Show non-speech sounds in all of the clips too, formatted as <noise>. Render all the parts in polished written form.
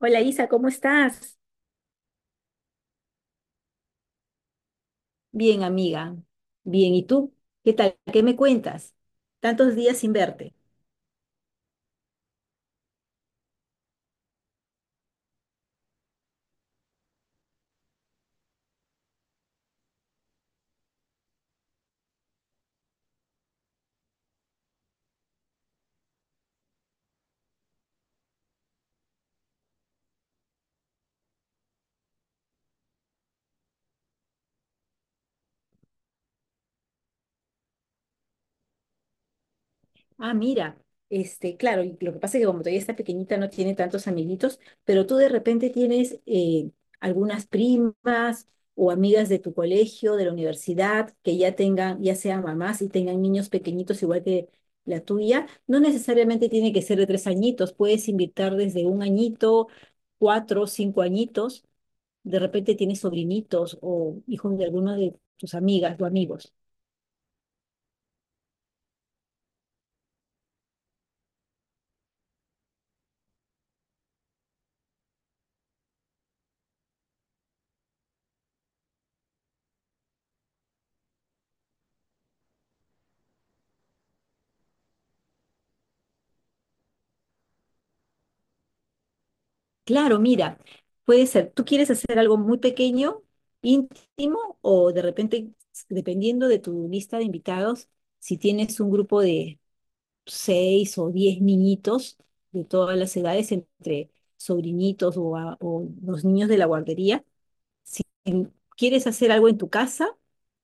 Hola Isa, ¿cómo estás? Bien, amiga. Bien, ¿y tú? ¿Qué tal? ¿Qué me cuentas? Tantos días sin verte. Ah, mira, claro, y lo que pasa es que como todavía está pequeñita no tiene tantos amiguitos, pero tú de repente tienes algunas primas o amigas de tu colegio, de la universidad, que ya tengan, ya sean mamás y tengan niños pequeñitos igual que la tuya. No necesariamente tiene que ser de 3 añitos, puedes invitar desde 1 añito, 4, 5 añitos de repente tienes sobrinitos o hijos de alguno de tus amigas o amigos. Claro, mira, puede ser, tú quieres hacer algo muy pequeño, íntimo, o de repente, dependiendo de tu lista de invitados, si tienes un grupo de seis o 10 niñitos de todas las edades, entre sobrinitos o, o los niños de la guardería, ¿quieres hacer algo en tu casa,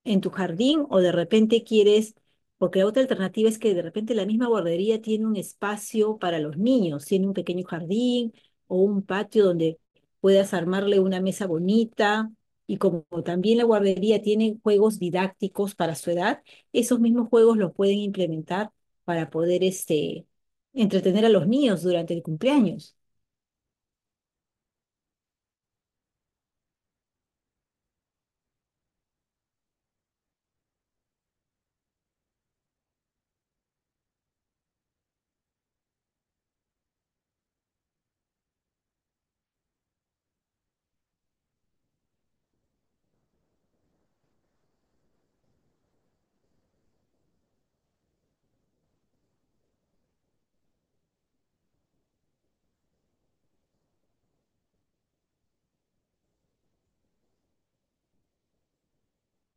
en tu jardín, o de repente quieres, porque la otra alternativa es que de repente la misma guardería tiene un espacio para los niños, tiene un pequeño jardín o un patio donde puedas armarle una mesa bonita? Y como también la guardería tiene juegos didácticos para su edad, esos mismos juegos los pueden implementar para poder entretener a los niños durante el cumpleaños.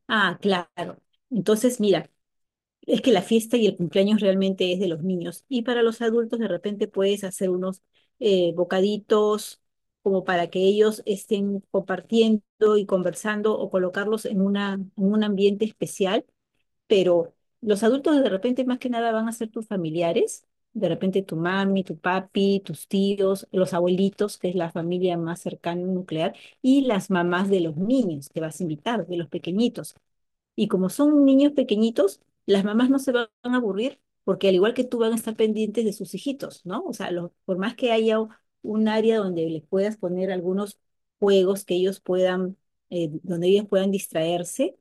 Ah, claro. Entonces, mira. Es que la fiesta y el cumpleaños realmente es de los niños. Y para los adultos de repente puedes hacer unos bocaditos como para que ellos estén compartiendo y conversando o colocarlos en una, en un ambiente especial. Pero los adultos de repente más que nada van a ser tus familiares, de repente tu mami, tu papi, tus tíos, los abuelitos, que es la familia más cercana nuclear, y las mamás de los niños que vas a invitar, de los pequeñitos. Y como son niños pequeñitos, las mamás no se van a aburrir porque al igual que tú van a estar pendientes de sus hijitos, ¿no? O sea, por más que haya un área donde les puedas poner algunos juegos que ellos puedan, donde ellos puedan distraerse,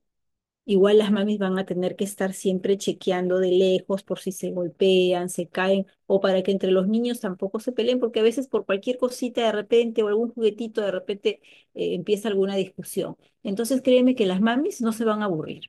igual las mamis van a tener que estar siempre chequeando de lejos por si se golpean, se caen, o para que entre los niños tampoco se peleen, porque a veces por cualquier cosita de repente o algún juguetito de repente empieza alguna discusión. Entonces créeme que las mamis no se van a aburrir.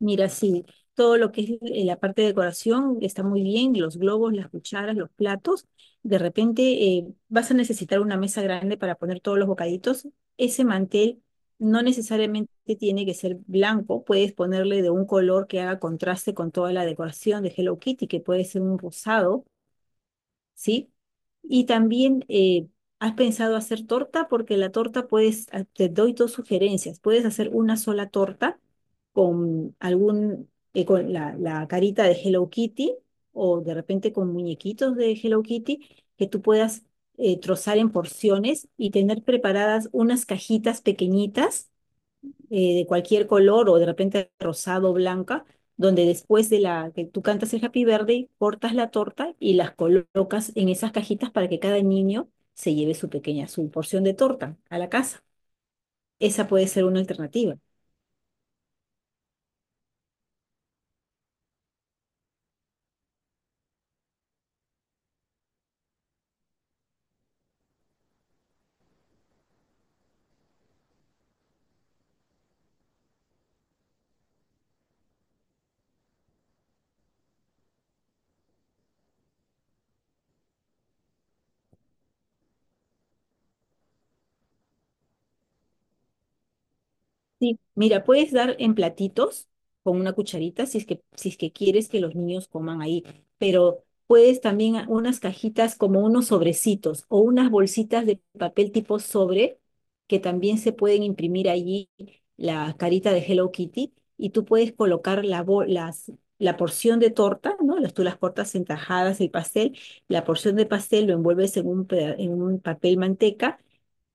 Mira, sí, todo lo que es la parte de decoración está muy bien, los globos, las cucharas, los platos. De repente vas a necesitar una mesa grande para poner todos los bocaditos. Ese mantel no necesariamente tiene que ser blanco, puedes ponerle de un color que haga contraste con toda la decoración de Hello Kitty, que puede ser un rosado, ¿sí? Y también ¿has pensado hacer torta? Porque la torta puedes, ah, te doy dos sugerencias, puedes hacer una sola torta con algún, con la carita de Hello Kitty o de repente con muñequitos de Hello Kitty que tú puedas trozar en porciones y tener preparadas unas cajitas pequeñitas, de cualquier color o de repente rosado o blanca, donde después de la que tú cantas el Happy Birthday, cortas la torta y las colocas en esas cajitas para que cada niño se lleve su pequeña, su porción de torta a la casa. Esa puede ser una alternativa. Sí, mira, puedes dar en platitos con una cucharita si es que, quieres que los niños coman ahí, pero puedes también unas cajitas como unos sobrecitos o unas bolsitas de papel tipo sobre que también se pueden imprimir allí la carita de Hello Kitty y tú puedes colocar la porción de torta, ¿no? Las, tú las cortas en tajadas el pastel, la porción de pastel lo envuelves en un, en un papel manteca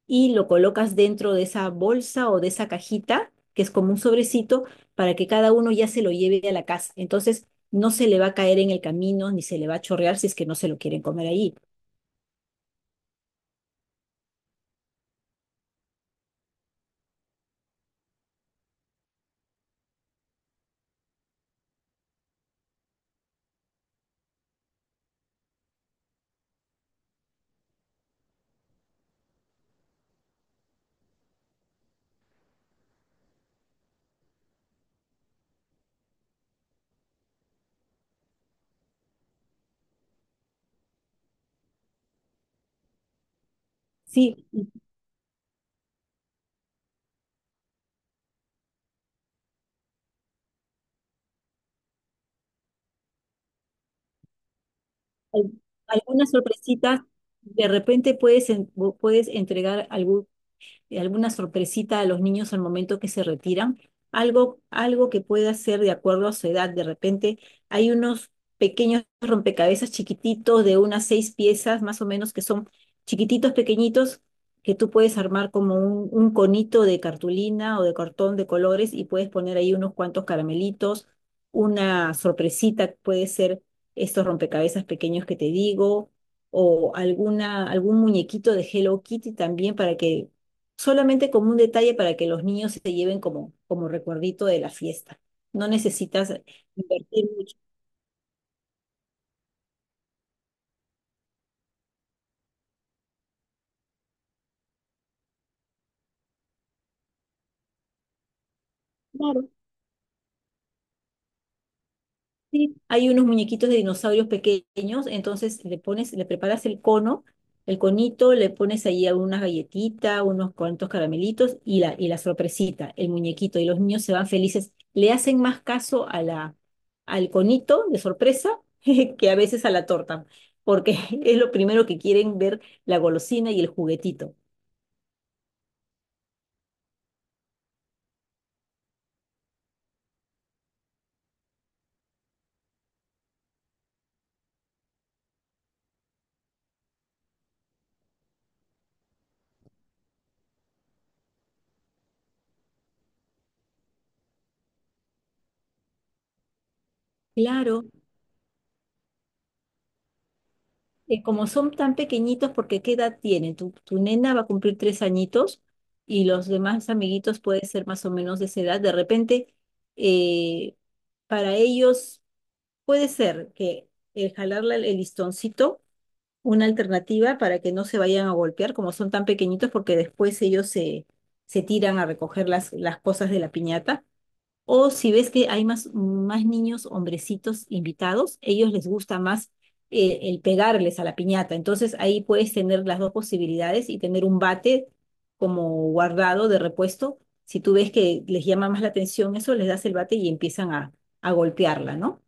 y lo colocas dentro de esa bolsa o de esa cajita, que es como un sobrecito, para que cada uno ya se lo lleve a la casa. Entonces, no se le va a caer en el camino ni se le va a chorrear si es que no se lo quieren comer ahí. Sí, al- algunas sorpresitas, de repente puedes entregar algún, alguna sorpresita a los niños al momento que se retiran, algo que pueda ser de acuerdo a su edad. De repente hay unos pequeños rompecabezas chiquititos de unas seis piezas más o menos que son chiquititos, pequeñitos, que tú puedes armar como un, conito de cartulina o de cartón de colores y puedes poner ahí unos cuantos caramelitos, una sorpresita puede ser estos rompecabezas pequeños que te digo, o algún muñequito de Hello Kitty también para que solamente como un detalle para que los niños se lleven como recuerdito de la fiesta. No necesitas invertir mucho. Claro, sí. Hay unos muñequitos de dinosaurios pequeños, entonces le pones, le preparas el cono, el conito, le pones ahí algunas galletitas, unos cuantos caramelitos y la sorpresita, el muñequito, y los niños se van felices. Le hacen más caso al conito de sorpresa <laughs> que a veces a la torta, porque <laughs> es lo primero que quieren ver, la golosina y el juguetito. Claro, como son tan pequeñitos, porque ¿qué edad tienen? Tu nena va a cumplir 3 añitos y los demás amiguitos pueden ser más o menos de esa edad. De repente, eh, para ellos puede ser que el jalarle el listoncito, una alternativa para que no se vayan a golpear, como son tan pequeñitos, porque después ellos se tiran a recoger las cosas de la piñata. O si ves que hay más niños, hombrecitos invitados, ellos les gusta más el pegarles a la piñata. Entonces ahí puedes tener las dos posibilidades y tener un bate como guardado de repuesto. Si tú ves que les llama más la atención eso, les das el bate y empiezan a golpearla, ¿no?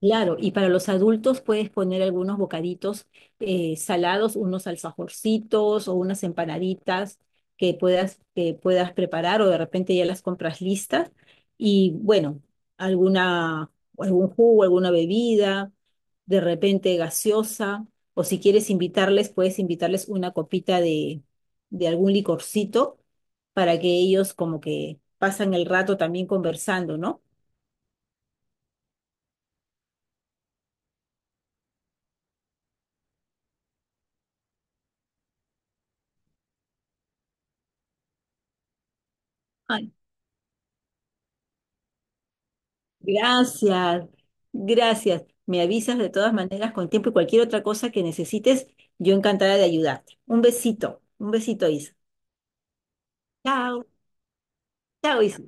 Claro, y para los adultos puedes poner algunos bocaditos, salados, unos alfajorcitos o unas empanaditas que puedas, preparar o de repente ya las compras listas. Y bueno, alguna, algún jugo, alguna bebida, de repente gaseosa, o si quieres invitarles, puedes invitarles una copita de algún licorcito para que ellos como que pasan el rato también conversando, ¿no? Gracias, gracias. Me avisas de todas maneras con tiempo y cualquier otra cosa que necesites, yo encantada de ayudarte. Un besito, Isa. Chao, chao, Isa.